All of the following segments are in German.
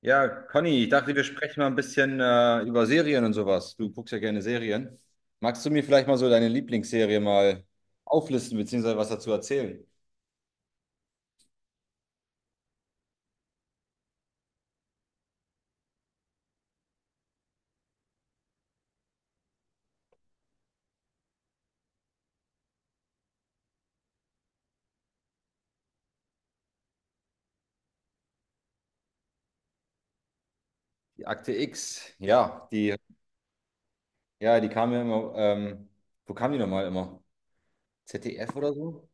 Ja, Conny, ich dachte, wir sprechen mal ein bisschen über Serien und sowas. Du guckst ja gerne Serien. Magst du mir vielleicht mal so deine Lieblingsserie mal auflisten, beziehungsweise was dazu erzählen? Die Akte X, ja, die kam ja immer, wo kam die nochmal immer? ZDF oder so?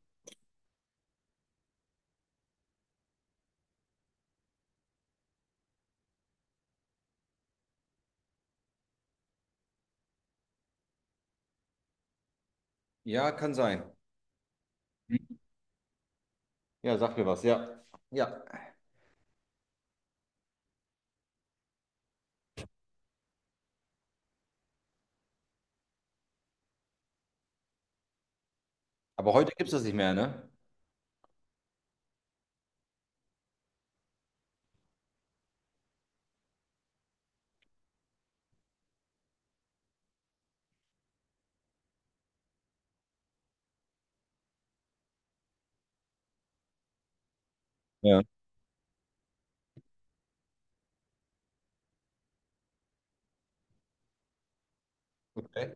Ja, kann sein. Ja, sag mir was, ja. Ja. Aber heute gibt es das nicht mehr, ne? Ja. Okay.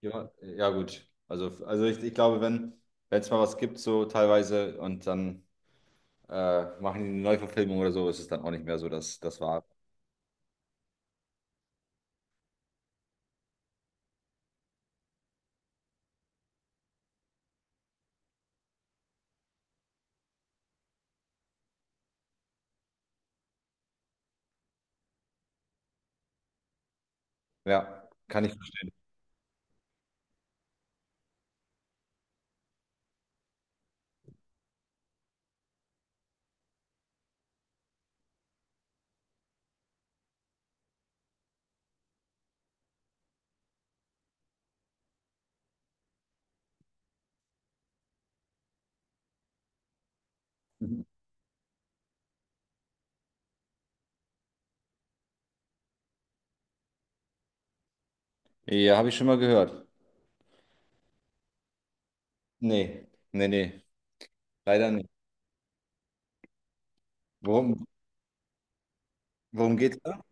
Ja, ja gut. Also, also ich glaube, wenn es mal was gibt, so teilweise, und dann machen die eine Neuverfilmung oder so, ist es dann auch nicht mehr so, dass das war. Ja, kann ich. Ja, habe ich schon mal gehört. Nee, nee, nee, leider nicht. Worum, worum geht's da?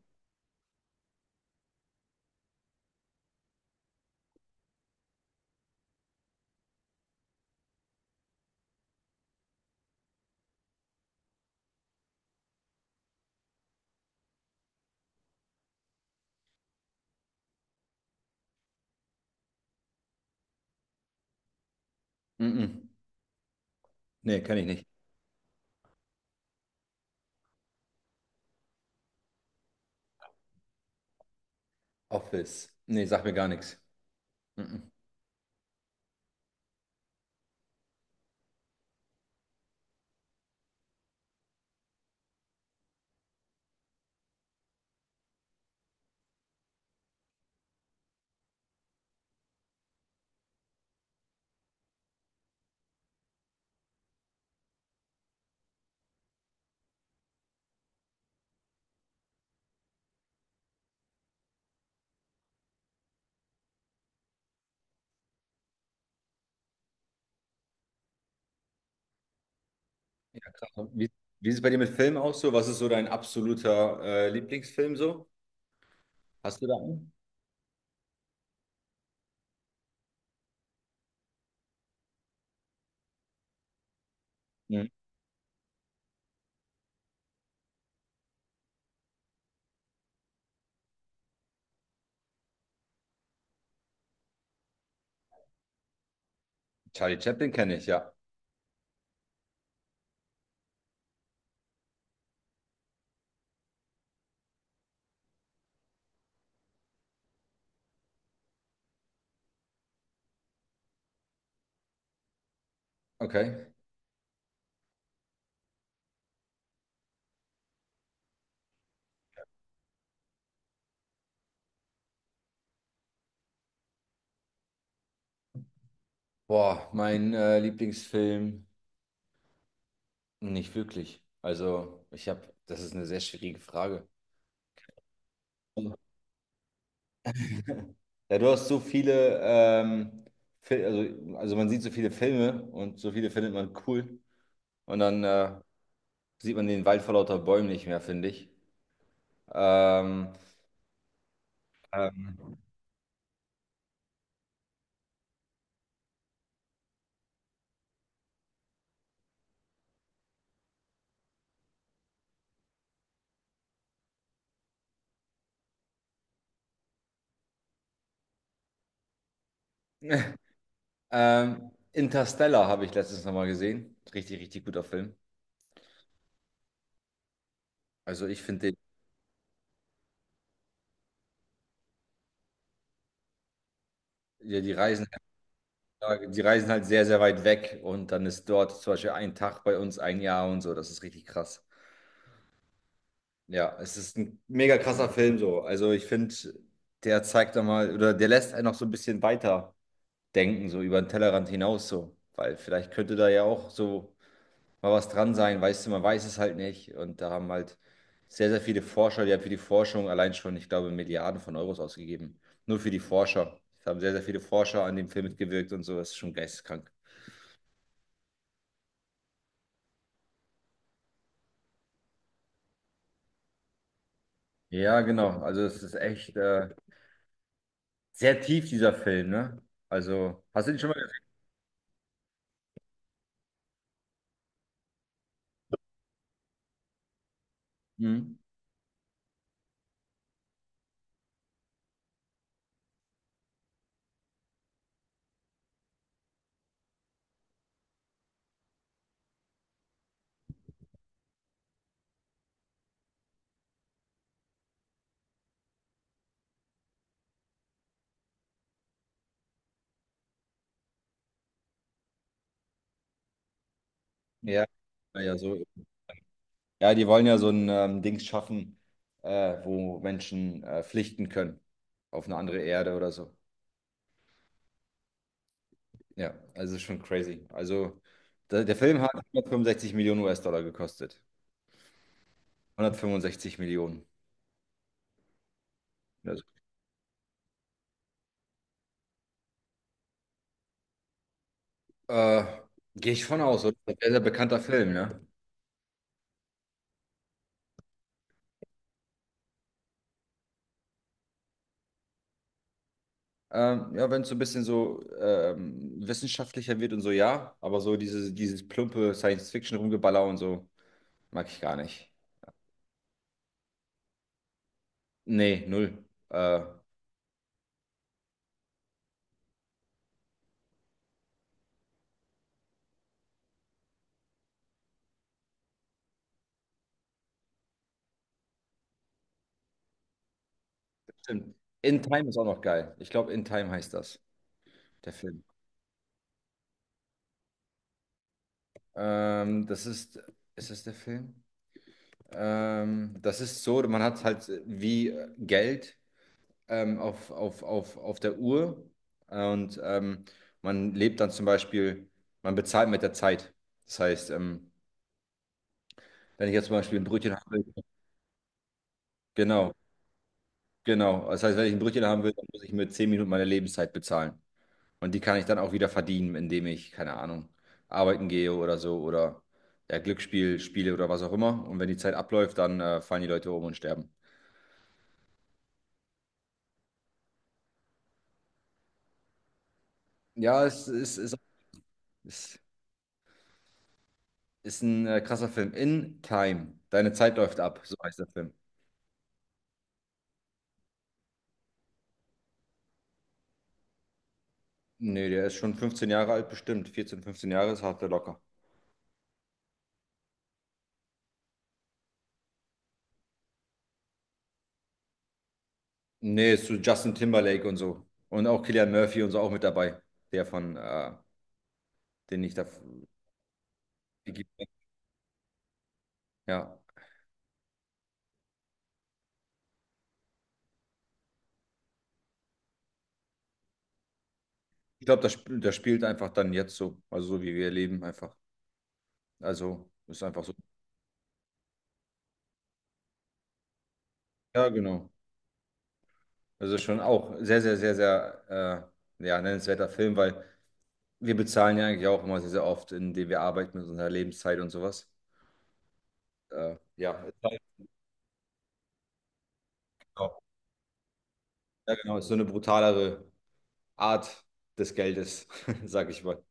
Mm-mm. Nee, kenne ich nicht. Office. Nee, sag mir gar nichts. Mm-mm. Ja, krass. Wie ist es bei dir mit Filmen aus so? Was ist so dein absoluter Lieblingsfilm so? Hast du da einen? Mhm. Charlie Chaplin kenne ich, ja. Okay. Boah, mein Lieblingsfilm? Nicht wirklich. Also, ich habe, das ist eine sehr schwierige Frage. Ja, du hast so viele, Fil also man sieht so viele Filme und so viele findet man cool. Und dann sieht man den Wald vor lauter Bäumen nicht mehr, finde ich. Ähm, ähm, Interstellar habe ich letztens nochmal gesehen. Richtig, richtig guter Film. Also ich finde den, ja, die Reisen. Ja, die reisen halt sehr, sehr weit weg und dann ist dort zum Beispiel ein Tag bei uns ein Jahr und so. Das ist richtig krass. Ja, es ist ein mega krasser Film so. Also ich finde, der zeigt da mal oder der lässt einen noch so ein bisschen weiter denken, so über den Tellerrand hinaus so. Weil vielleicht könnte da ja auch so mal was dran sein, weißt du, man weiß es halt nicht. Und da haben halt sehr, sehr viele Forscher, die haben für die Forschung allein schon, ich glaube, Milliarden von Euros ausgegeben. Nur für die Forscher. Es haben sehr, sehr viele Forscher an dem Film mitgewirkt und so. Das ist schon geisteskrank. Ja, genau. Also es ist echt sehr tief, dieser Film, ne? Also, hast du den schon mal gesehen? Mhm. Ja, ja, ja, so. Ja, die wollen ja so ein Dings schaffen, äh, wo Menschen flüchten können auf eine andere Erde oder so. Ja, also es ist schon crazy. Also der Film hat 165 Millionen US-Dollar gekostet. 165 Millionen. Also, äh, gehe ich von aus, oder? Sehr, sehr bekannter Film, ne? Ja, wenn es so ein bisschen so wissenschaftlicher wird und so, ja. Aber so dieses plumpe Science-Fiction-Rumgeballer und so, mag ich gar nicht. Nee, null. Äh, stimmt. In Time ist auch noch geil. Ich glaube, In Time heißt das, der Film. Ähm, das ist, ist das der Film? Das ist so, man hat halt wie Geld auf, auf der Uhr und man lebt dann zum Beispiel, man bezahlt mit der Zeit. Das heißt, wenn ich jetzt zum Beispiel ein Brötchen haben will, genau, genau. Das heißt, wenn ich ein Brötchen haben will, dann muss ich mir 10 Minuten meine Lebenszeit bezahlen. Und die kann ich dann auch wieder verdienen, indem ich, keine Ahnung, arbeiten gehe oder so oder ja, Glücksspiel spiele oder was auch immer. Und wenn die Zeit abläuft, dann fallen die Leute um und sterben. Ja, es ist, ist, ist, ist ein krasser Film. In Time. Deine Zeit läuft ab, so heißt der Film. Nee, der ist schon 15 Jahre alt, bestimmt. 14, 15 Jahre ist hart der locker. Nee, ist so Justin Timberlake und so. Und auch Cillian Murphy und so auch mit dabei. Der von, den ich da. Ja. Ich glaube, das spielt einfach dann jetzt so. Also so wie wir leben einfach. Also ist einfach so. Ja, genau. Das ist schon auch sehr, sehr, sehr, sehr ja, nennenswerter Film, weil wir bezahlen ja eigentlich auch immer sehr, sehr oft, indem wir arbeiten mit unserer Lebenszeit und sowas. Ja, ist halt- ja, genau. Ist so eine brutalere Art des Geldes, sag ich mal.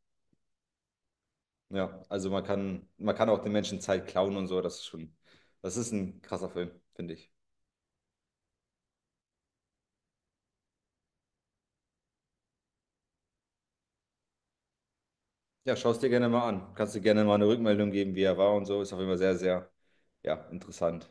Ja, also man kann auch den Menschen Zeit klauen und so, das ist schon, das ist ein krasser Film, finde ich. Ja, schau es dir gerne mal an. Kannst du gerne mal eine Rückmeldung geben, wie er war und so. Ist auch immer sehr, sehr, ja, interessant.